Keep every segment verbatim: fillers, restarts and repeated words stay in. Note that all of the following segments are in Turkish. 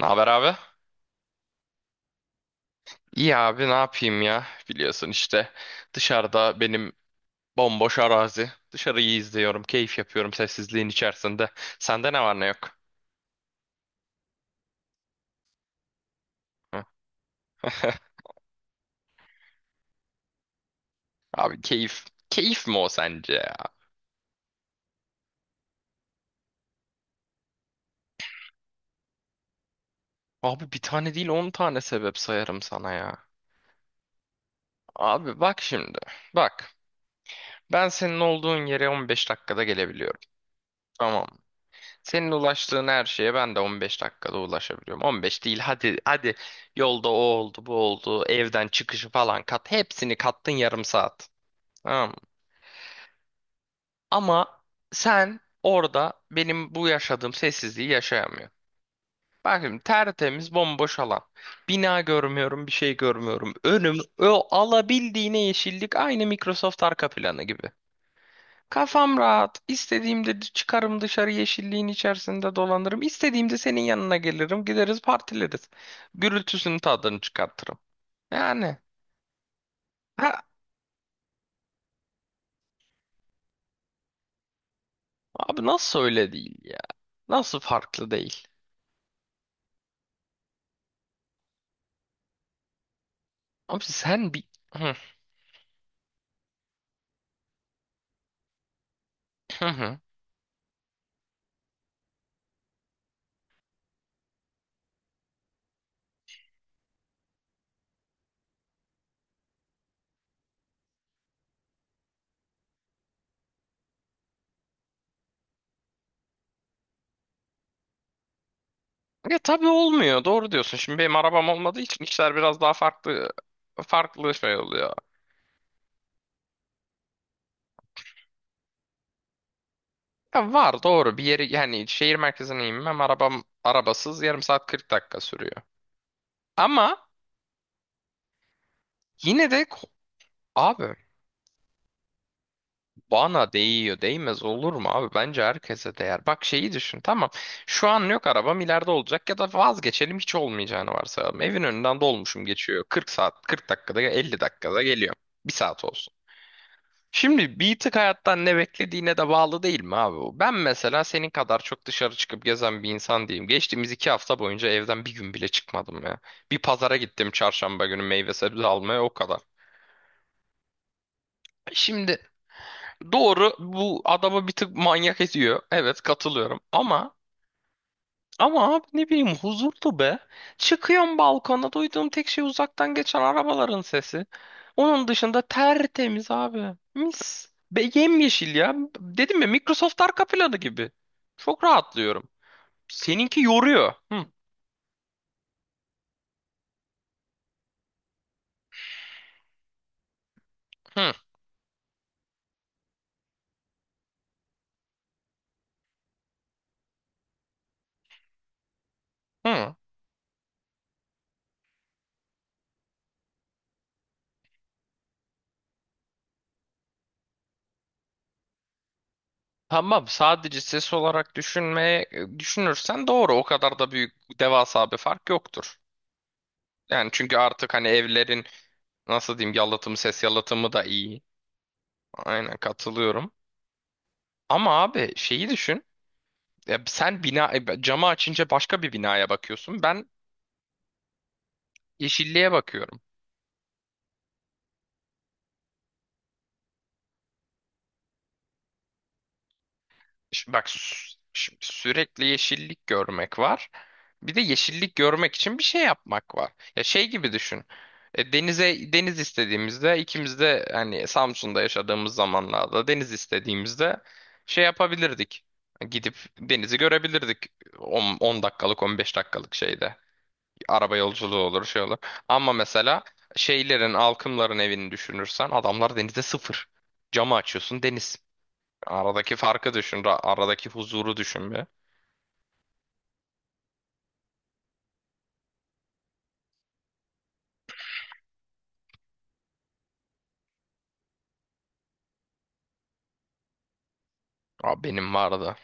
Ne haber abi? İyi abi ne yapayım ya? Biliyorsun işte dışarıda benim bomboş arazi. Dışarıyı izliyorum, keyif yapıyorum sessizliğin içerisinde. Sende ne var ne yok? Hı. Abi keyif. Keyif mi o sence ya? Abi bir tane değil on tane sebep sayarım sana ya. Abi bak şimdi. Bak. Ben senin olduğun yere on beş dakikada gelebiliyorum. Tamam. Senin ulaştığın her şeye ben de on beş dakikada ulaşabiliyorum. on beş değil hadi hadi yolda o oldu bu oldu evden çıkışı falan kat hepsini kattın yarım saat. Tamam mı? Ama sen orada benim bu yaşadığım sessizliği yaşayamıyorsun. Bak şimdi tertemiz bomboş alan. Bina görmüyorum bir şey görmüyorum. Önüm o alabildiğine yeşillik aynı Microsoft arka planı gibi. Kafam rahat. İstediğimde d- çıkarım dışarı yeşilliğin içerisinde dolanırım. İstediğimde senin yanına gelirim. Gideriz partileriz. Gürültüsünün tadını çıkartırım. Yani ha, abi nasıl öyle değil ya? Nasıl farklı değil? Abi sen bir... Hı, hı, hı. Ya tabii olmuyor. Doğru diyorsun. Şimdi benim arabam olmadığı için işler biraz daha farklı farklı şey oluyor. Ya var doğru bir yeri yani şehir merkezine inmem arabam arabasız yarım saat kırk dakika sürüyor. Ama yine de ko- abi bana değiyor, değmez olur mu abi? Bence herkese değer. Bak şeyi düşün, tamam. Şu an yok arabam ileride olacak ya da vazgeçelim hiç olmayacağını varsayalım. Evin önünden dolmuşum geçiyor. kırk saat, kırk dakikada, elli dakikada geliyor. Bir saat olsun. Şimdi bir tık hayattan ne beklediğine de bağlı değil mi abi? bu? Ben mesela senin kadar çok dışarı çıkıp gezen bir insan değilim. Geçtiğimiz iki hafta boyunca evden bir gün bile çıkmadım ya. Bir pazara gittim çarşamba günü meyve sebze almaya o kadar. Şimdi Doğru bu adamı bir tık manyak ediyor. Evet katılıyorum. Ama ama abi ne bileyim huzurlu be. Çıkıyorum balkona duyduğum tek şey uzaktan geçen arabaların sesi. Onun dışında tertemiz abi. Mis. Be yemyeşil ya. Dedim ya Microsoft arka planı gibi. Çok rahatlıyorum. Seninki yoruyor. Hı, hı, hı. Tamam sadece ses olarak düşünmeye e, düşünürsen doğru o kadar da büyük devasa bir fark yoktur. Yani çünkü artık hani evlerin nasıl diyeyim yalıtımı ses yalıtımı da iyi. Aynen katılıyorum. Ama abi şeyi düşün. Ya sen bina e, camı açınca başka bir binaya bakıyorsun. Ben yeşilliğe bakıyorum. Şimdi bak sü- şimdi sürekli yeşillik görmek var. Bir de yeşillik görmek için bir şey yapmak var. Ya şey gibi düşün. E, denize deniz istediğimizde ikimiz de hani Samsun'da yaşadığımız zamanlarda deniz istediğimizde şey yapabilirdik. Gidip denizi görebilirdik. on dakikalık on beş dakikalık şeyde. Araba yolculuğu olur şey olur. Ama mesela şeylerin halkımların evini düşünürsen adamlar denize sıfır. Camı açıyorsun deniz. Aradaki farkı düşün. ra- Aradaki huzuru düşün be. Abi benim vardı.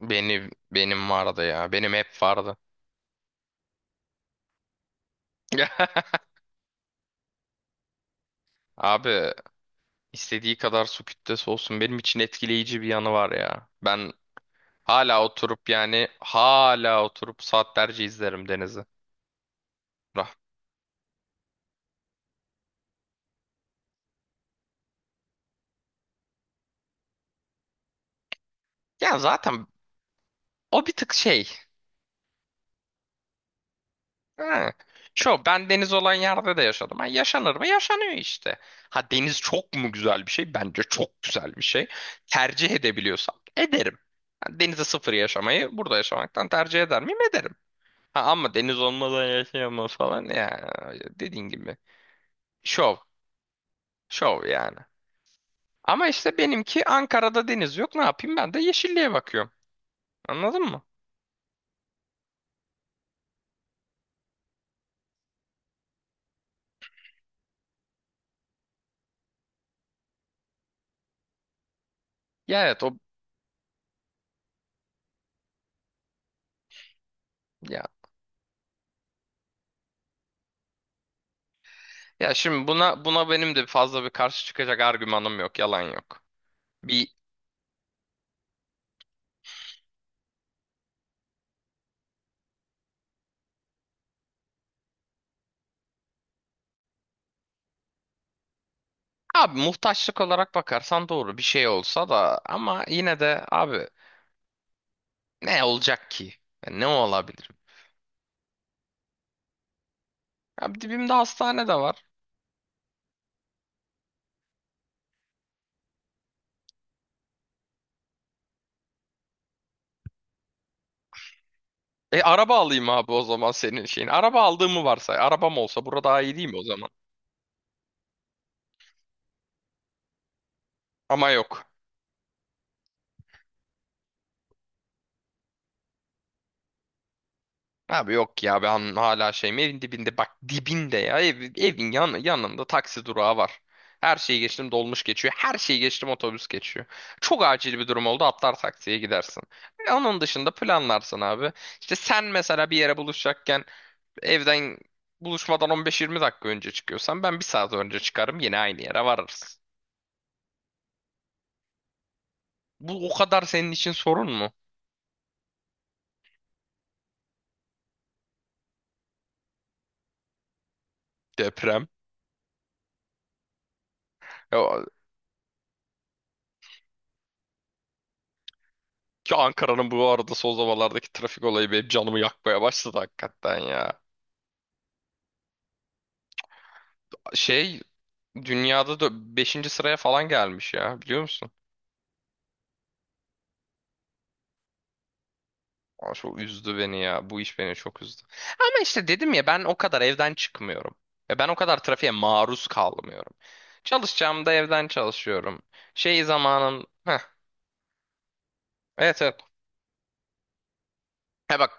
Benim benim vardı ya. Benim hep vardı. Abi istediği kadar su kütlesi olsun. Benim için etkileyici bir yanı var ya. Ben hala oturup yani hala oturup saatlerce izlerim denizi. Rah- Ya zaten o bir tık şey. Ha. Şu ben deniz olan yerde de yaşadım. Ha, yaşanır mı? Yaşanıyor işte. Ha deniz çok mu güzel bir şey? Bence çok güzel bir şey. Tercih edebiliyorsam ederim. Ha, denize sıfır yaşamayı burada yaşamaktan tercih eder miyim? Ederim. Ha, ama deniz olmadan yaşayamam falan ya. Dediğin gibi. Şov. Şov yani. Ama işte benimki Ankara'da deniz yok. Ne yapayım ben de yeşilliğe bakıyorum. Anladın mı? Ya evet o ya. Ya şimdi buna buna benim de fazla bir karşı çıkacak argümanım yok. Yalan yok. Bir abi muhtaçlık olarak bakarsan doğru bir şey olsa da ama yine de abi ne olacak ki? Yani ne olabilir? Abi dibimde hastane de var. E araba alayım abi o zaman senin şeyin. Araba aldığımı varsay. Arabam olsa burada daha iyi değil mi o zaman? Ama yok. Abi yok ya ben hala şeyim evin dibinde bak dibinde ya ev- evin yan, yanında taksi durağı var. Her şeyi geçtim dolmuş geçiyor. Her şeyi geçtim otobüs geçiyor. Çok acil bir durum oldu atlar taksiye gidersin. E, Onun dışında planlarsın abi. İşte sen mesela bir yere buluşacakken evden buluşmadan on beş yirmi dakika önce çıkıyorsan ben bir saat önce çıkarım yine aynı yere varırız. Bu o kadar senin için sorun mu? Deprem. Ya, ki Ankara'nın bu arada son zamanlardaki trafik olayı benim canımı yakmaya başladı hakikaten ya. Şey dünyada da beşinci sıraya falan gelmiş ya biliyor musun? Aa, çok üzdü beni ya. Bu iş beni çok üzdü. Ama işte dedim ya ben o kadar evden çıkmıyorum. Ve ben o kadar trafiğe maruz kalmıyorum. Çalışacağımda evden çalışıyorum. Şey zamanım... Heh, evet evet. He bak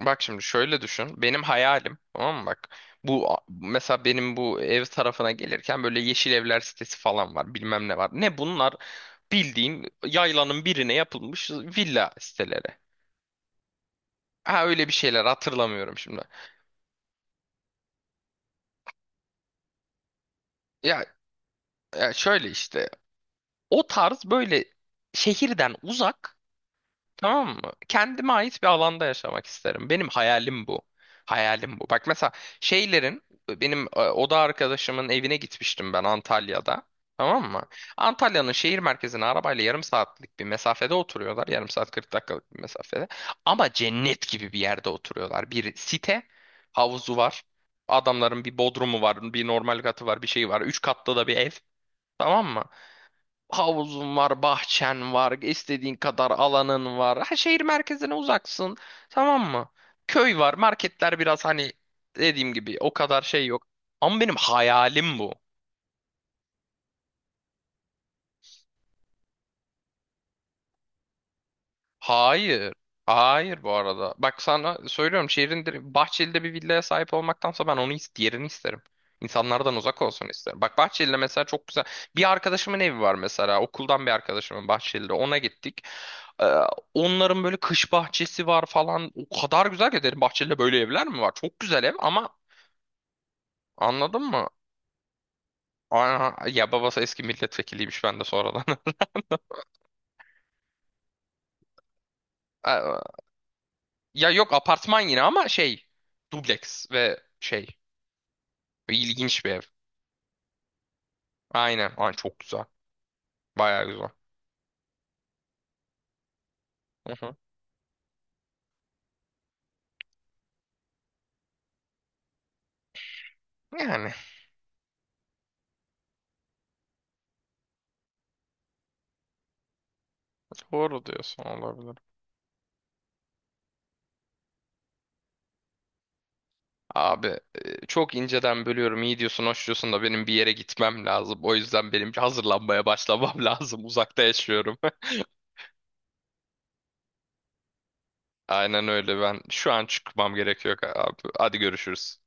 bak şimdi şöyle düşün. Benim hayalim tamam mı bak. Bu mesela benim bu ev tarafına gelirken böyle yeşil evler sitesi falan var. Bilmem ne var. Ne bunlar? Bildiğin yaylanın birine yapılmış villa siteleri. Ha öyle bir şeyler hatırlamıyorum şimdi. Ya, ya şöyle işte o tarz böyle şehirden uzak tamam mı? Kendime ait bir alanda yaşamak isterim. Benim hayalim bu. Hayalim bu. Bak mesela şeylerin benim e, oda arkadaşımın evine gitmiştim ben Antalya'da. Tamam mı? Antalya'nın şehir merkezine arabayla yarım saatlik bir mesafede oturuyorlar. Yarım saat kırk dakikalık bir mesafede. Ama cennet gibi bir yerde oturuyorlar. Bir site, havuzu var. Adamların bir bodrumu var, bir normal katı var, bir şey var. Üç katlı da bir ev. Tamam mı? Havuzun var, bahçen var, istediğin kadar alanın var. Ha, şehir merkezine uzaksın, tamam mı? Köy var, marketler biraz hani dediğim gibi o kadar şey yok. Ama benim hayalim bu. Hayır, hayır bu arada. Bak sana söylüyorum şehrin dire- Bahçeli'de bir villaya sahip olmaktansa ben onu is- diğerini isterim. İnsanlardan uzak olsun isterim. Bak Bahçeli'de mesela çok güzel. Bir arkadaşımın evi var mesela. Okuldan bir arkadaşımın Bahçeli'de. Ona gittik. Ee, onların böyle kış bahçesi var falan. O kadar güzel ki dedim bahçede böyle evler mi var? Çok güzel ev ama anladın mı? Aa, ya babası eski milletvekiliymiş ben de sonradan. Ee, ya yok apartman yine ama şey dubleks ve şey ilginç bir ev. Aynen. Ay, çok güzel. Bayağı güzel. Hı hı. Yani doğru diyorsun olabilir. Abi e, çok inceden bölüyorum. İyi diyorsun, hoş diyorsun da benim bir yere gitmem lazım. O yüzden benim hazırlanmaya başlamam lazım. Uzakta yaşıyorum. Aynen öyle. Ben şu an çıkmam gerekiyor abi. Hadi görüşürüz.